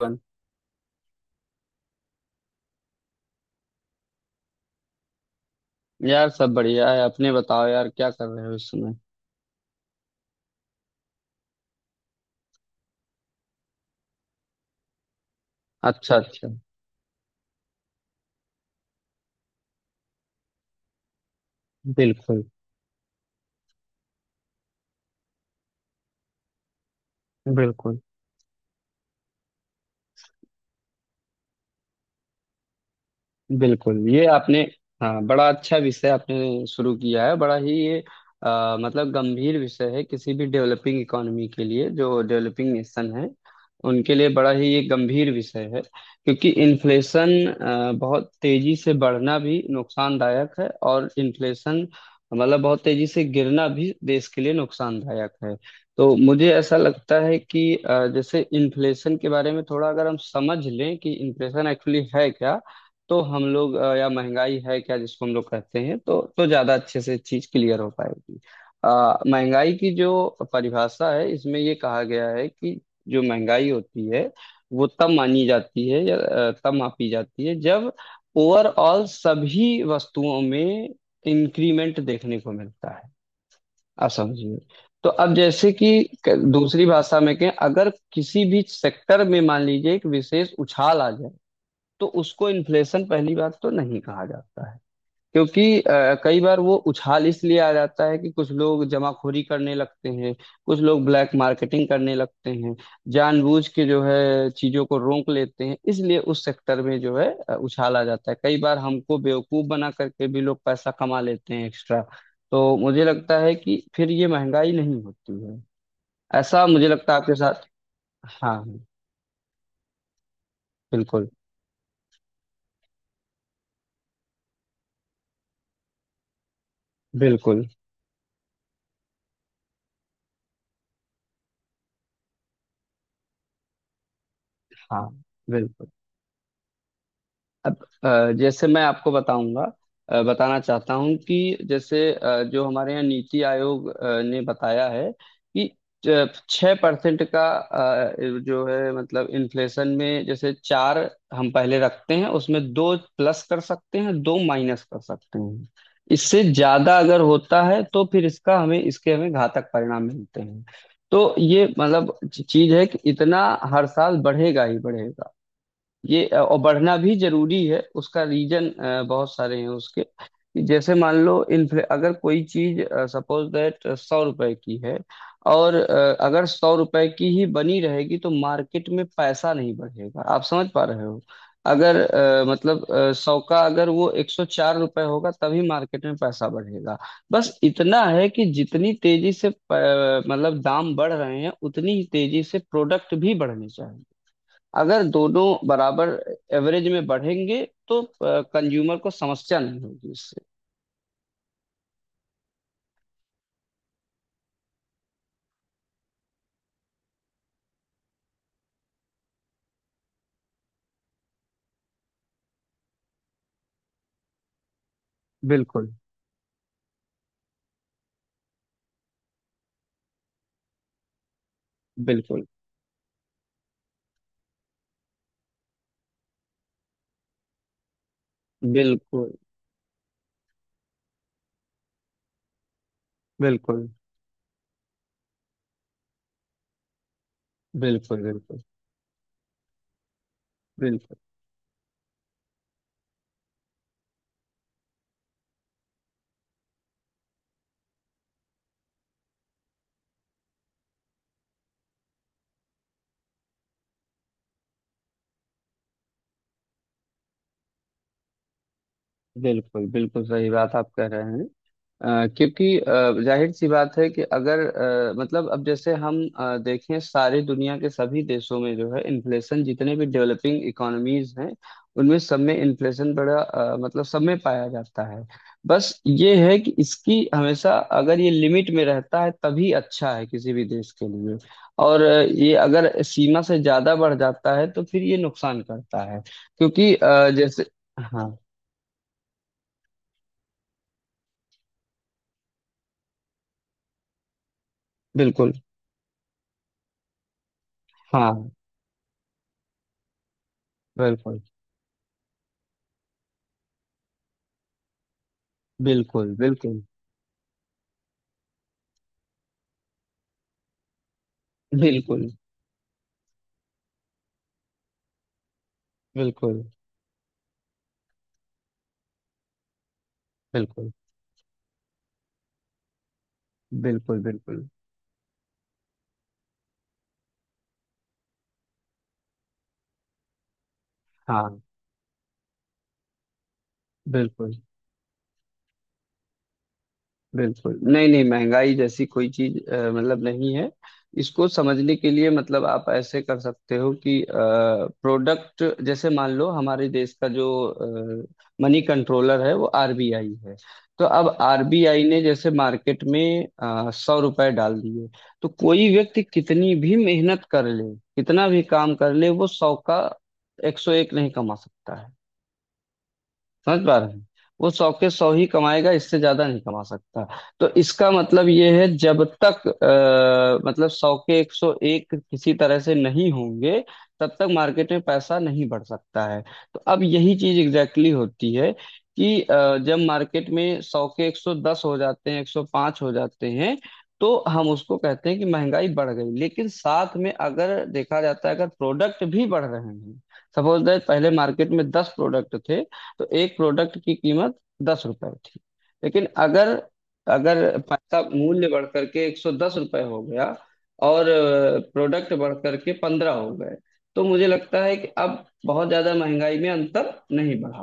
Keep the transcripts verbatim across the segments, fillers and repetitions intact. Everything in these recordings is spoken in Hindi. अपन। यार, सब बढ़िया है। अपने बताओ यार, क्या कर रहे हो इस समय। अच्छा, अच्छा। बिल्कुल बिल्कुल। बिल्कुल, ये आपने। हाँ, बड़ा अच्छा विषय आपने शुरू किया है, बड़ा ही ये अ, मतलब गंभीर विषय है किसी भी डेवलपिंग इकोनॉमी के लिए, जो डेवलपिंग नेशन है उनके लिए बड़ा ही ये गंभीर विषय है क्योंकि इन्फ्लेशन बहुत तेजी से बढ़ना भी नुकसानदायक है और इन्फ्लेशन मतलब बहुत तेजी से गिरना भी देश के लिए नुकसानदायक है। तो मुझे ऐसा लगता है कि अ, जैसे इन्फ्लेशन के बारे में थोड़ा अगर हम समझ लें कि इन्फ्लेशन एक्चुअली है क्या, तो हम लोग अ, या महंगाई है क्या जिसको हम लोग कहते हैं, तो तो ज्यादा अच्छे से चीज क्लियर हो पाएगी। अ, महंगाई की जो परिभाषा है, इसमें ये कहा गया है कि जो महंगाई होती है वो तब मानी जाती है या अ, तब मापी जाती है जब ओवरऑल सभी वस्तुओं में इंक्रीमेंट देखने को मिलता है। आप समझिए, तो अब जैसे कि क- दूसरी भाषा में कहें, अगर किसी भी सेक्टर में मान लीजिए एक विशेष उछाल आ जाए तो उसको इन्फ्लेशन पहली बात तो नहीं कहा जाता है क्योंकि अ, कई बार वो उछाल इसलिए आ जाता है कि कुछ लोग जमाखोरी करने लगते हैं, कुछ लोग ब्लैक मार्केटिंग करने लगते हैं, जानबूझ के जो है चीजों को रोक लेते हैं, इसलिए उस सेक्टर में जो है अ, उछाल आ जाता है, कई बार हमको बेवकूफ बना करके भी लोग पैसा कमा लेते हैं एक्स्ट्रा। तो मुझे लगता है कि फिर ये महंगाई नहीं होती है, ऐसा मुझे लगता है आपके साथ। हाँ। बिल्कुल। बिल्कुल। हाँ। बिल्कुल। अब अ, जैसे मैं आपको बताऊंगा, अ, बताना चाहता हूं कि जैसे अ, जो हमारे यहाँ नीति आयोग अ, ने बताया है कि छः परसेंट का अ, जो है मतलब इन्फ्लेशन में, जैसे चार हम पहले रखते हैं, उसमें दो प्लस कर सकते हैं, दो माइनस कर सकते हैं। इससे ज्यादा अगर होता है तो फिर इसका हमें इसके हमें घातक परिणाम मिलते हैं। तो ये मतलब चीज है कि इतना हर साल बढ़ेगा ही बढ़ेगा। ये अ, और बढ़ना भी जरूरी है, उसका रीजन बहुत सारे हैं उसके। कि जैसे मान लो इन्फ्ले अगर कोई चीज सपोज दैट सौ रुपए की है, और अ, अगर सौ रुपए की ही बनी रहेगी तो मार्केट में पैसा नहीं बढ़ेगा। आप समझ पा रहे हो? अगर अ, मतलब सौ का अगर वो एक सौ चार रुपए होगा तभी मार्केट में पैसा बढ़ेगा। बस इतना है कि जितनी तेजी से प- मतलब दाम बढ़ रहे हैं, उतनी ही तेजी से प्रोडक्ट भी बढ़ने, अगर दोनों बराबर एवरेज में बढ़ेंगे तो कंज्यूमर को समस्या नहीं होगी इससे। बिल्कुल। बिल्कुल। बिल्कुल। बिल्कुल। बिल्कुल। बिल्कुल। बिल्कुल। बिल्कुल। बिल्कुल सही बात आप कह रहे हैं। अ, क्योंकि अ, जाहिर सी बात है कि अगर अ, मतलब अब जैसे हम अ, देखें, सारी दुनिया के सभी देशों में जो है इन्फ्लेशन, जितने भी डेवलपिंग इकोनॉमीज हैं उनमें सब में इन्फ्लेशन बड़ा अ, मतलब सब में पाया जाता है। बस ये है कि इसकी हमेशा, अगर ये लिमिट में रहता है तभी अच्छा है किसी भी देश के लिए। और अ, ये अगर सीमा से ज्यादा बढ़ जाता है तो फिर ये नुकसान करता है, क्योंकि अ, जैसे। हाँ। बिल्कुल। हाँ। बिल्कुल। बिल्कुल। बिल्कुल। बिल्कुल। बिल्कुल। बिल्कुल। बिल्कुल। बिल्कुल। हाँ। बिल्कुल। बिल्कुल नहीं, नहीं, महंगाई जैसी कोई चीज मतलब नहीं है। इसको समझने के लिए मतलब आप ऐसे कर सकते हो कि प्रोडक्ट, जैसे मान लो, हमारे देश का जो मनी कंट्रोलर है वो आर बी आई है। तो अब आर बी आई ने जैसे मार्केट में सौ रुपए डाल दिए, तो कोई व्यक्ति कितनी भी मेहनत कर ले, कितना भी काम कर ले, वो सौ का एक सौ एक नहीं कमा सकता है। समझ पा रहे हैं? वो सौ के सौ ही कमाएगा, इससे ज्यादा नहीं कमा सकता। तो इसका मतलब ये है, जब तक आ, मतलब सौ के एक सौ एक किसी तरह से नहीं होंगे, तब तक मार्केट में पैसा नहीं बढ़ सकता है। तो अब यही चीज एग्जैक्टली exactly होती है कि अ, जब मार्केट में सौ के एक सौ दस हो जाते हैं, एक सौ पांच हो जाते हैं, तो हम उसको कहते हैं कि महंगाई बढ़ गई। लेकिन साथ में अगर देखा जाता है अगर प्रोडक्ट भी बढ़ रहे हैं, सपोज दैट पहले मार्केट में दस प्रोडक्ट थे तो एक प्रोडक्ट की कीमत दस रुपए थी, लेकिन अगर अगर पैसा मूल्य बढ़ करके एक सौ दस रुपये हो गया और प्रोडक्ट बढ़ करके पंद्रह हो गए, तो मुझे लगता है कि अब बहुत ज्यादा महंगाई में अंतर नहीं बढ़ा।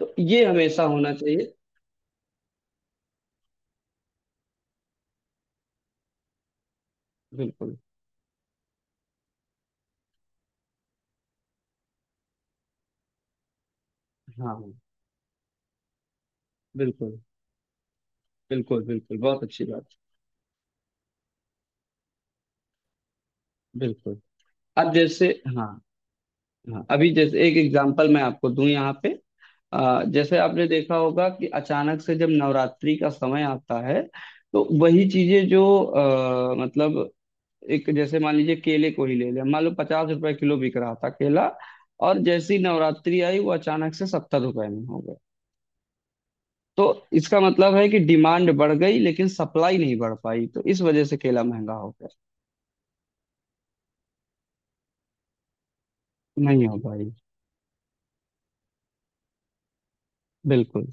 तो ये हमेशा होना चाहिए। बिल्कुल। हाँ, हाँ। बिल्कुल। बिल्कुल। बिल्कुल बहुत अच्छी बात। बिल्कुल। अब जैसे, हाँ, हाँ, अभी जैसे एक एग्जांपल मैं आपको दूं यहाँ पे। अ, जैसे आपने देखा होगा कि अचानक से जब नवरात्रि का समय आता है, तो वही चीजें जो आ, मतलब, एक जैसे मान लीजिए केले को ही ले लें, मान लो पचास रुपए किलो बिक रहा था केला, और जैसी नवरात्रि आई वो अचानक से सत्तर रुपए में हो गया। तो इसका मतलब है कि डिमांड बढ़ गई, लेकिन सप्लाई नहीं बढ़ पाई, तो इस वजह से केला महंगा हो गया। नहीं हो पाई। बिल्कुल।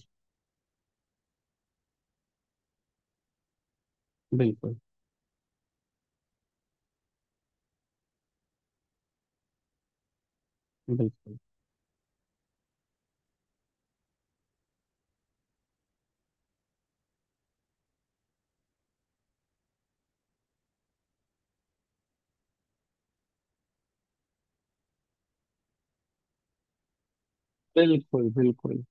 बिल्कुल। बिल्कुल। बिल्कुल। बिल्कुल।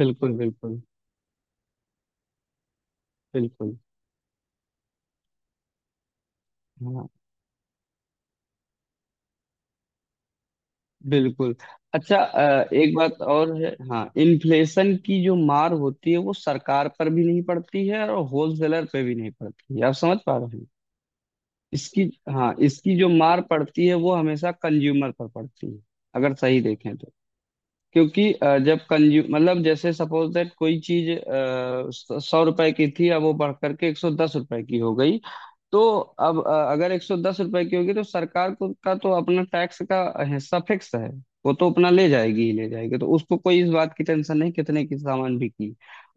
बिल्कुल। बिल्कुल। बिल्कुल। हाँ। बिल्कुल। अच्छा, अ, एक बात और है। हाँ, इन्फ्लेशन की जो मार होती है वो सरकार पर भी नहीं पड़ती है और होलसेलर पे भी नहीं पड़ती है। आप समझ पा रहे हैं? इसकी हाँ, इसकी जो मार पड़ती है वो हमेशा कंज्यूमर पर पड़ती है, अगर सही देखें तो। क्योंकि अ, जब कंज्यूम मतलब, जैसे सपोज दैट कोई चीज सौ रुपए की थी, अब वो बढ़ करके एक सौ दस रुपए की हो गई, तो अब अ, अगर एक सौ दस रुपए की होगी तो सरकार को का तो अपना टैक्स का हिस्सा फिक्स है। वो तो अपना ले जाएगी ही ले जाएगी, तो उसको कोई इस बात की टेंशन नहीं कितने की सामान बिकी।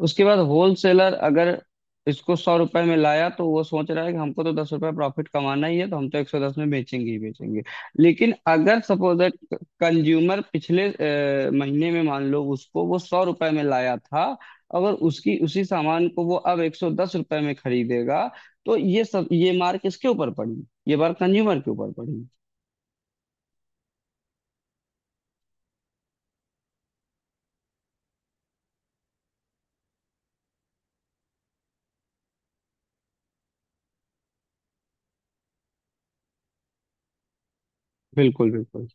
उसके बाद होलसेलर अगर इसको सौ रुपए में लाया तो वो सोच रहा है कि हमको तो दस रुपए प्रॉफिट कमाना ही है, तो हम तो एक सौ दस में बेचेंगे ही बेचेंगे। लेकिन अगर सपोज दैट कंज्यूमर पिछले अ, महीने में, मान लो, उसको वो सौ रुपए में लाया था, अगर उसकी उसी सामान को वो अब एक सौ दस रुपए में खरीदेगा, तो ये सब ये मार किसके ऊपर पड़ी? ये बार कंज्यूमर के ऊपर पड़ी। बिल्कुल। बिल्कुल।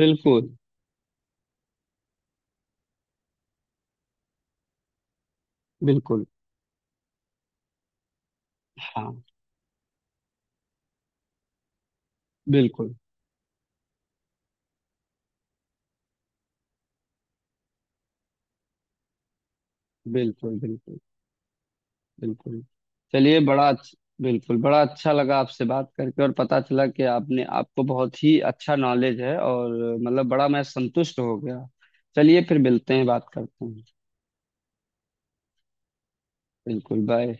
बिल्कुल। बिल्कुल। हाँ। बिल्कुल। बिल्कुल। बिल्कुल। बिल्कुल। चलिए, बड़ा अच्छ- बिल्कुल, बड़ा अच्छा लगा आपसे बात करके, और पता चला कि आपने आपको बहुत ही अच्छा नॉलेज है, और मतलब बड़ा मैं संतुष्ट हो गया। चलिए, फिर मिलते हैं, बात करते हैं। बिल्कुल भाई।